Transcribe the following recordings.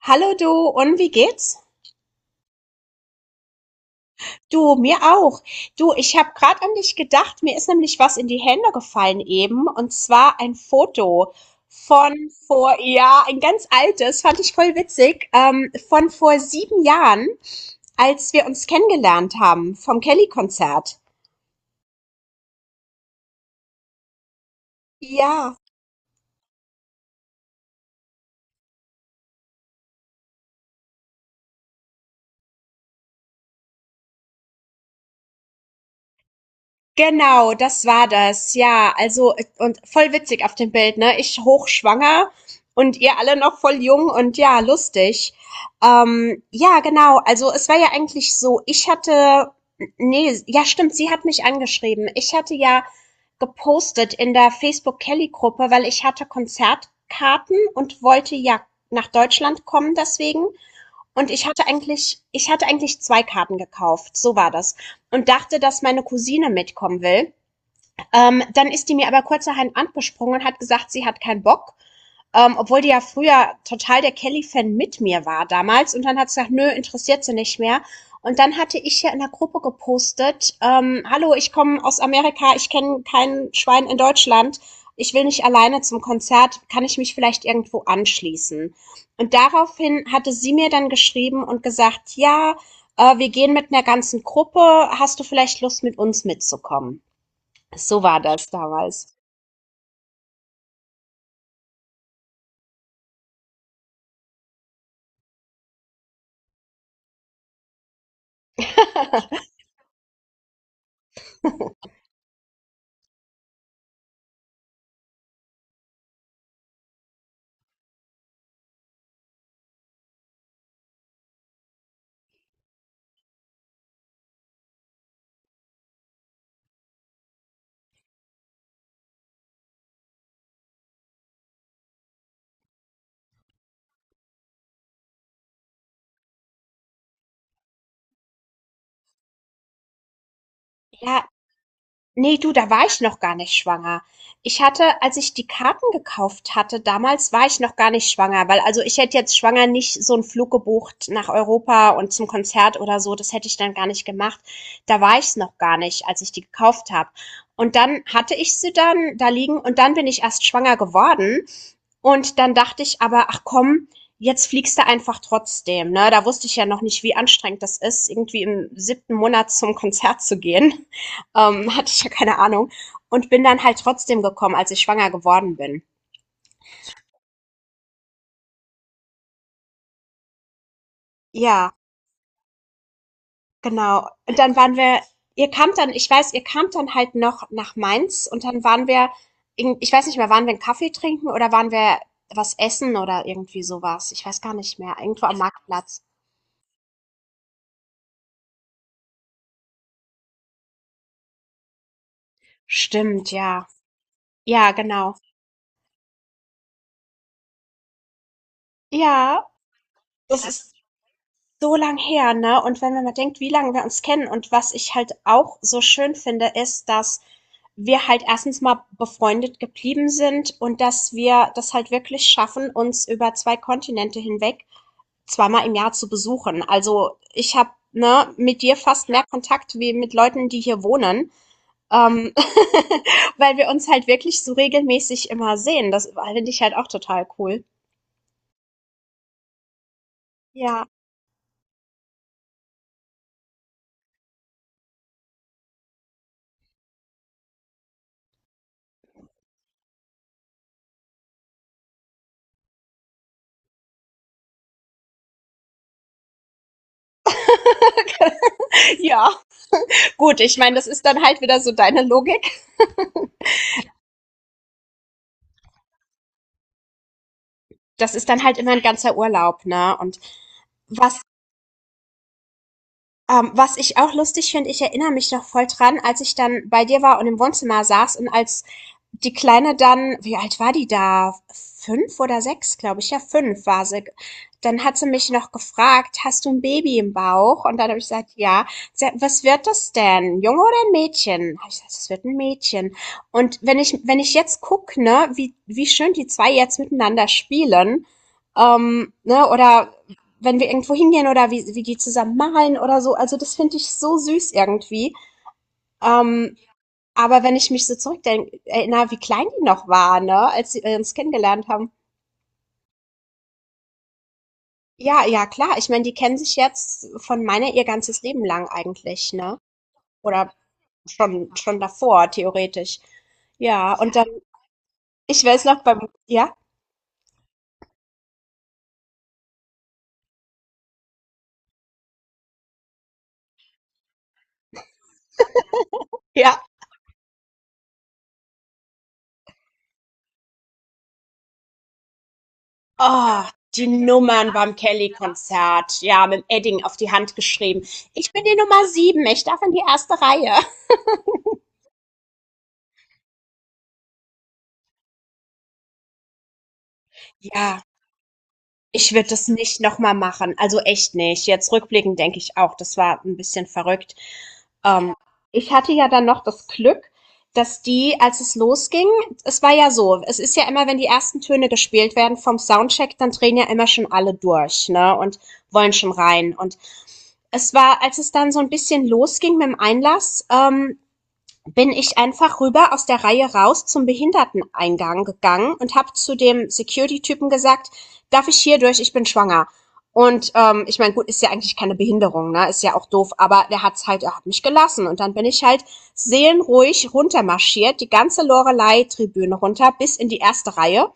Hallo du, und wie geht's? Du, mir auch. Du, ich habe gerade an dich gedacht. Mir ist nämlich was in die Hände gefallen eben. Und zwar ein Foto von vor, ja, ein ganz altes, fand ich voll witzig, von vor 7 Jahren, als wir uns kennengelernt haben vom Kelly-Konzert. Ja. Genau, das war das, ja. Also, und voll witzig auf dem Bild, ne? Ich hochschwanger und ihr alle noch voll jung und ja, lustig. Ja, genau. Also, es war ja eigentlich so, ich hatte, nee, ja, stimmt, sie hat mich angeschrieben. Ich hatte ja gepostet in der Facebook Kelly Gruppe, weil ich hatte Konzertkarten und wollte ja nach Deutschland kommen deswegen, und ich hatte eigentlich 2 Karten gekauft, so war das, und dachte, dass meine Cousine mitkommen will. Dann ist die mir aber kurzerhand angesprungen und hat gesagt, sie hat keinen Bock. Obwohl die ja früher total der Kelly-Fan mit mir war damals. Und dann hat sie gesagt, nö, interessiert sie nicht mehr. Und dann hatte ich ja in der Gruppe gepostet, hallo, ich komme aus Amerika, ich kenne kein Schwein in Deutschland, ich will nicht alleine zum Konzert, kann ich mich vielleicht irgendwo anschließen? Und daraufhin hatte sie mir dann geschrieben und gesagt, ja, wir gehen mit einer ganzen Gruppe, hast du vielleicht Lust, mit uns mitzukommen? So war das damals. Ja. Ne, du, da war ich noch gar nicht schwanger. Ich hatte, als ich die Karten gekauft hatte damals, war ich noch gar nicht schwanger, weil, also, ich hätte jetzt schwanger nicht so einen Flug gebucht nach Europa und zum Konzert oder so, das hätte ich dann gar nicht gemacht. Da war ich's noch gar nicht, als ich die gekauft habe. Und dann hatte ich sie dann da liegen und dann bin ich erst schwanger geworden und dann dachte ich aber: „Ach komm, jetzt fliegst du einfach trotzdem“, ne? Da wusste ich ja noch nicht, wie anstrengend das ist, irgendwie im siebten Monat zum Konzert zu gehen. Hatte ich ja keine Ahnung. Und bin dann halt trotzdem gekommen, als ich schwanger geworden bin. Ja, genau. Und dann waren wir, ihr kamt dann, ich weiß, ihr kamt dann halt noch nach Mainz und dann waren wir, ich weiß nicht mehr, waren wir einen Kaffee trinken oder waren wir was essen oder irgendwie sowas. Ich weiß gar nicht mehr. Irgendwo am Marktplatz. Stimmt, ja. Ja, genau. Ja, das ist so lang her, ne? Und wenn man mal denkt, wie lange wir uns kennen, und was ich halt auch so schön finde, ist, dass wir halt erstens mal befreundet geblieben sind und dass wir das halt wirklich schaffen, uns über zwei Kontinente hinweg zweimal im Jahr zu besuchen. Also ich habe ne, mit dir fast mehr Kontakt wie mit Leuten, die hier wohnen, ähm, weil wir uns halt wirklich so regelmäßig immer sehen. Das finde ich halt auch total cool. Ja. Ja. Gut, ich meine, das ist dann halt wieder so deine Logik. Das ist dann halt immer ein ganzer Urlaub, ne? Und was was ich auch lustig finde, ich erinnere mich noch voll dran, als ich dann bei dir war und im Wohnzimmer saß, und als die Kleine dann, wie alt war die da? 5 oder 6, glaube ich. Ja, 5 war sie. Dann hat sie mich noch gefragt, hast du ein Baby im Bauch? Und dann habe ich gesagt, ja. Sie hat, was wird das denn? Junge oder ein Mädchen? Habe ich gesagt, es wird ein Mädchen. Und wenn ich, wenn ich jetzt gucke, ne, wie, wie schön die zwei jetzt miteinander spielen, ne, oder wenn wir irgendwo hingehen oder wie, wie die zusammen malen oder so. Also das finde ich so süß irgendwie. Ähm, aber wenn ich mich so zurückdenke, erinnere, wie klein die noch war, ne, als sie uns kennengelernt haben. Ja, ja, klar. Ich meine, die kennen sich jetzt von meiner ihr ganzes Leben lang eigentlich, ne? Oder schon davor, theoretisch. Ja, und dann, ich weiß noch beim, ja, ja, oh, die Nummern beim Kelly-Konzert, ja, mit dem Edding auf die Hand geschrieben. Ich bin die Nummer 7, ich darf in die erste Reihe. Ja, ich würde das nicht noch mal machen, also echt nicht. Jetzt rückblickend denke ich auch, das war ein bisschen verrückt. Ähm, Ich hatte ja dann noch das Glück, dass die, als es losging, es war ja so, es ist ja immer, wenn die ersten Töne gespielt werden vom Soundcheck, dann drehen ja immer schon alle durch, ne, und wollen schon rein. Und es war, als es dann so ein bisschen losging mit dem Einlass, bin ich einfach rüber aus der Reihe raus zum Behinderteneingang gegangen und habe zu dem Security-Typen gesagt, darf ich hier durch, ich bin schwanger. Und ich meine, gut, ist ja eigentlich keine Behinderung, ne? Ist ja auch doof, aber der hat's halt, er hat mich gelassen. Und dann bin ich halt seelenruhig runtermarschiert, die ganze Lorelei-Tribüne runter, bis in die erste Reihe,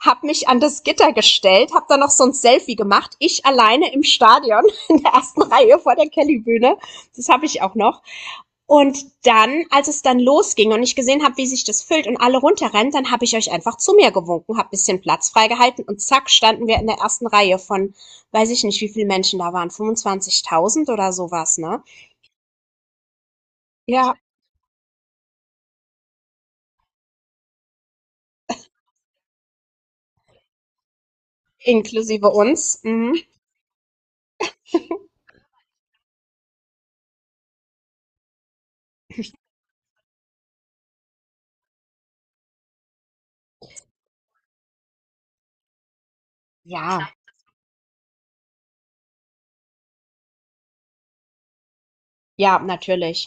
hab mich an das Gitter gestellt, hab dann noch so ein Selfie gemacht, ich alleine im Stadion in der ersten Reihe vor der Kellybühne. Das habe ich auch noch. Und dann, als es dann losging und ich gesehen habe, wie sich das füllt und alle runterrennen, dann habe ich euch einfach zu mir gewunken, habe ein bisschen Platz freigehalten, und zack, standen wir in der ersten Reihe von, weiß ich nicht, wie viele Menschen da waren, 25.000 oder sowas, ne? Ja, inklusive uns. Mhm. Ja, ja, natürlich.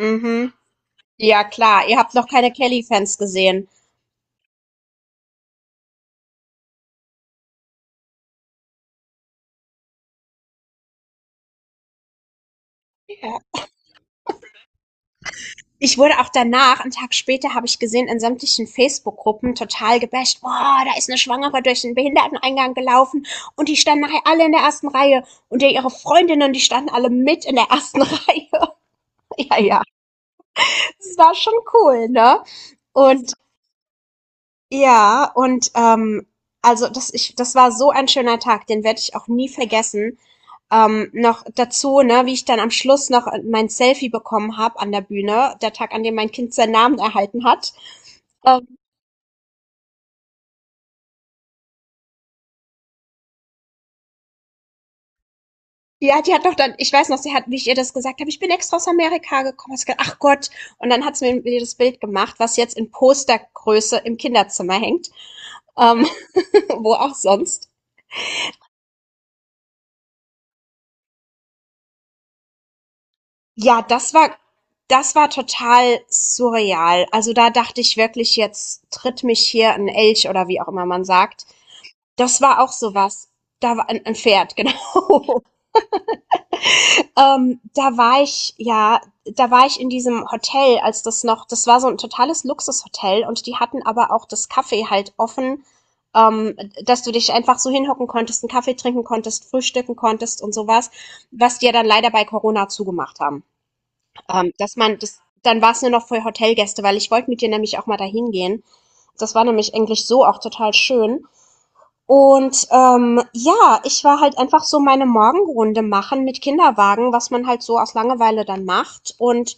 Mhm. Ja, klar, ihr habt noch keine Kelly-Fans gesehen. Ja, ich wurde auch danach, einen Tag später, habe ich gesehen, in sämtlichen Facebook-Gruppen total gebasht. Boah, da ist eine Schwangere durch den Behinderteneingang gelaufen und die standen nachher alle in der ersten Reihe und ja, ihre Freundinnen, die standen alle mit in der ersten Reihe. Ja, ja, das war schon cool, ne? Und ja, und also das, ich, das war so ein schöner Tag, den werde ich auch nie vergessen. Noch dazu, ne, wie ich dann am Schluss noch mein Selfie bekommen habe an der Bühne, der Tag, an dem mein Kind seinen Namen erhalten hat. Ähm, ja, die hat doch dann, ich weiß noch, sie hat, wie ich ihr das gesagt habe: „Ich bin extra aus Amerika gekommen.“ Hat sie gesagt: „Ach Gott.“ Und dann hat sie mir das Bild gemacht, was jetzt in Postergröße im Kinderzimmer hängt, ähm, wo auch sonst. Ja, das war total surreal. Also, da dachte ich wirklich: „Jetzt tritt mich hier ein Elch“, oder wie auch immer man sagt. Das war auch sowas. Da war ein 'n Pferd, genau. Ähm, da war ich, ja, da war ich in diesem Hotel, als das noch, das war so ein totales Luxushotel, und die hatten aber auch das Café halt offen, ähm, dass du dich einfach so hinhocken konntest, einen Kaffee trinken konntest, frühstücken konntest und sowas, was die ja dann leider bei Corona zugemacht haben. Dass man das, dann war es nur noch für Hotelgäste, weil ich wollte mit dir nämlich auch mal dahin gehen. Das war nämlich eigentlich so auch total schön. Und ja, ich war halt einfach so meine Morgenrunde machen mit Kinderwagen, was man halt so aus Langeweile dann macht. Und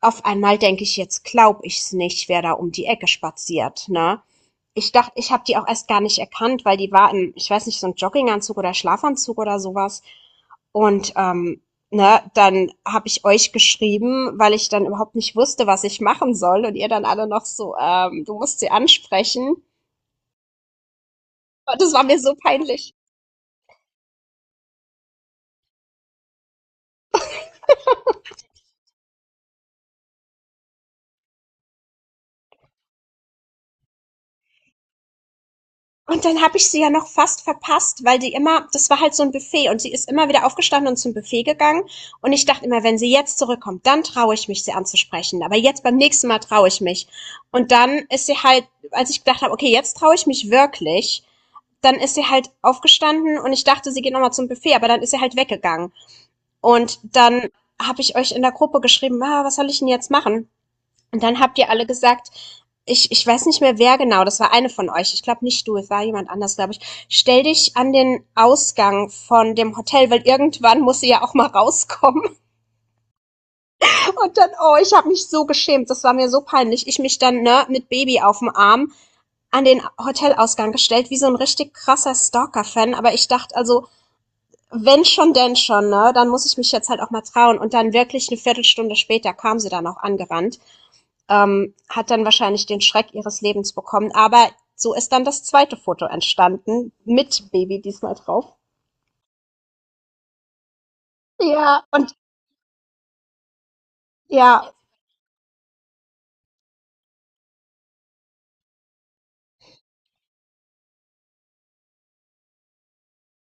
auf einmal denke ich, jetzt glaub ich's nicht, wer da um die Ecke spaziert, ne? Ich dachte, ich habe die auch erst gar nicht erkannt, weil die war in, ich weiß nicht, so ein Jogginganzug oder Schlafanzug oder sowas. Und ne, dann habe ich euch geschrieben, weil ich dann überhaupt nicht wusste, was ich machen soll. Und ihr dann alle noch so, du musst sie ansprechen. Und das war mir so peinlich. Und dann habe ich sie ja noch fast verpasst, weil die immer, das war halt so ein Buffet und sie ist immer wieder aufgestanden und zum Buffet gegangen. Und ich dachte immer, wenn sie jetzt zurückkommt, dann traue ich mich, sie anzusprechen. Aber jetzt beim nächsten Mal traue ich mich. Und dann ist sie halt, als ich gedacht habe, okay, jetzt traue ich mich wirklich, dann ist sie halt aufgestanden und ich dachte, sie geht nochmal zum Buffet, aber dann ist sie halt weggegangen. Und dann habe ich euch in der Gruppe geschrieben, ah, was soll ich denn jetzt machen? Und dann habt ihr alle gesagt, ich weiß nicht mehr wer genau, das war eine von euch. Ich glaube nicht du, es war jemand anders, glaube ich. Stell dich an den Ausgang von dem Hotel, weil irgendwann muss sie ja auch mal rauskommen. Und dann, oh, ich habe mich so geschämt, das war mir so peinlich. Ich mich dann ne, mit Baby auf dem Arm an den Hotelausgang gestellt, wie so ein richtig krasser Stalker-Fan. Aber ich dachte, also, wenn schon, denn schon, ne? Dann muss ich mich jetzt halt auch mal trauen. Und dann wirklich eine Viertelstunde später kam sie dann auch angerannt. Hat dann wahrscheinlich den Schreck ihres Lebens bekommen. Aber so ist dann das zweite Foto entstanden, mit Baby diesmal drauf. Ja. Und ja,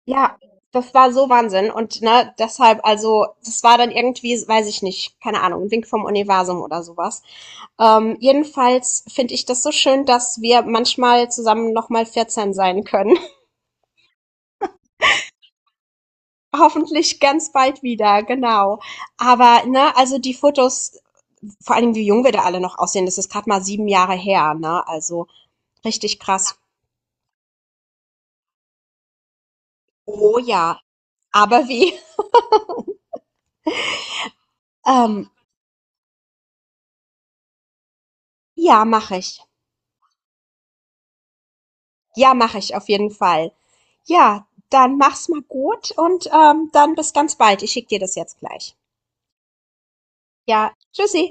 ja, das war so Wahnsinn. Und ne, deshalb, also, das war dann irgendwie, weiß ich nicht, keine Ahnung, ein Wink vom Universum oder sowas. Jedenfalls finde ich das so schön, dass wir manchmal zusammen nochmal 14 sein können. Hoffentlich ganz bald wieder, genau. Aber, ne, also die Fotos. Vor allem, wie jung wir da alle noch aussehen. Das ist gerade mal 7 Jahre her, ne? Also richtig krass. Oh ja. Aber wie? Ähm, ja, mache ich. Ja, mache ich auf jeden Fall. Ja, dann mach's mal gut und dann bis ganz bald. Ich schicke dir das jetzt gleich. Ja, tschüssi.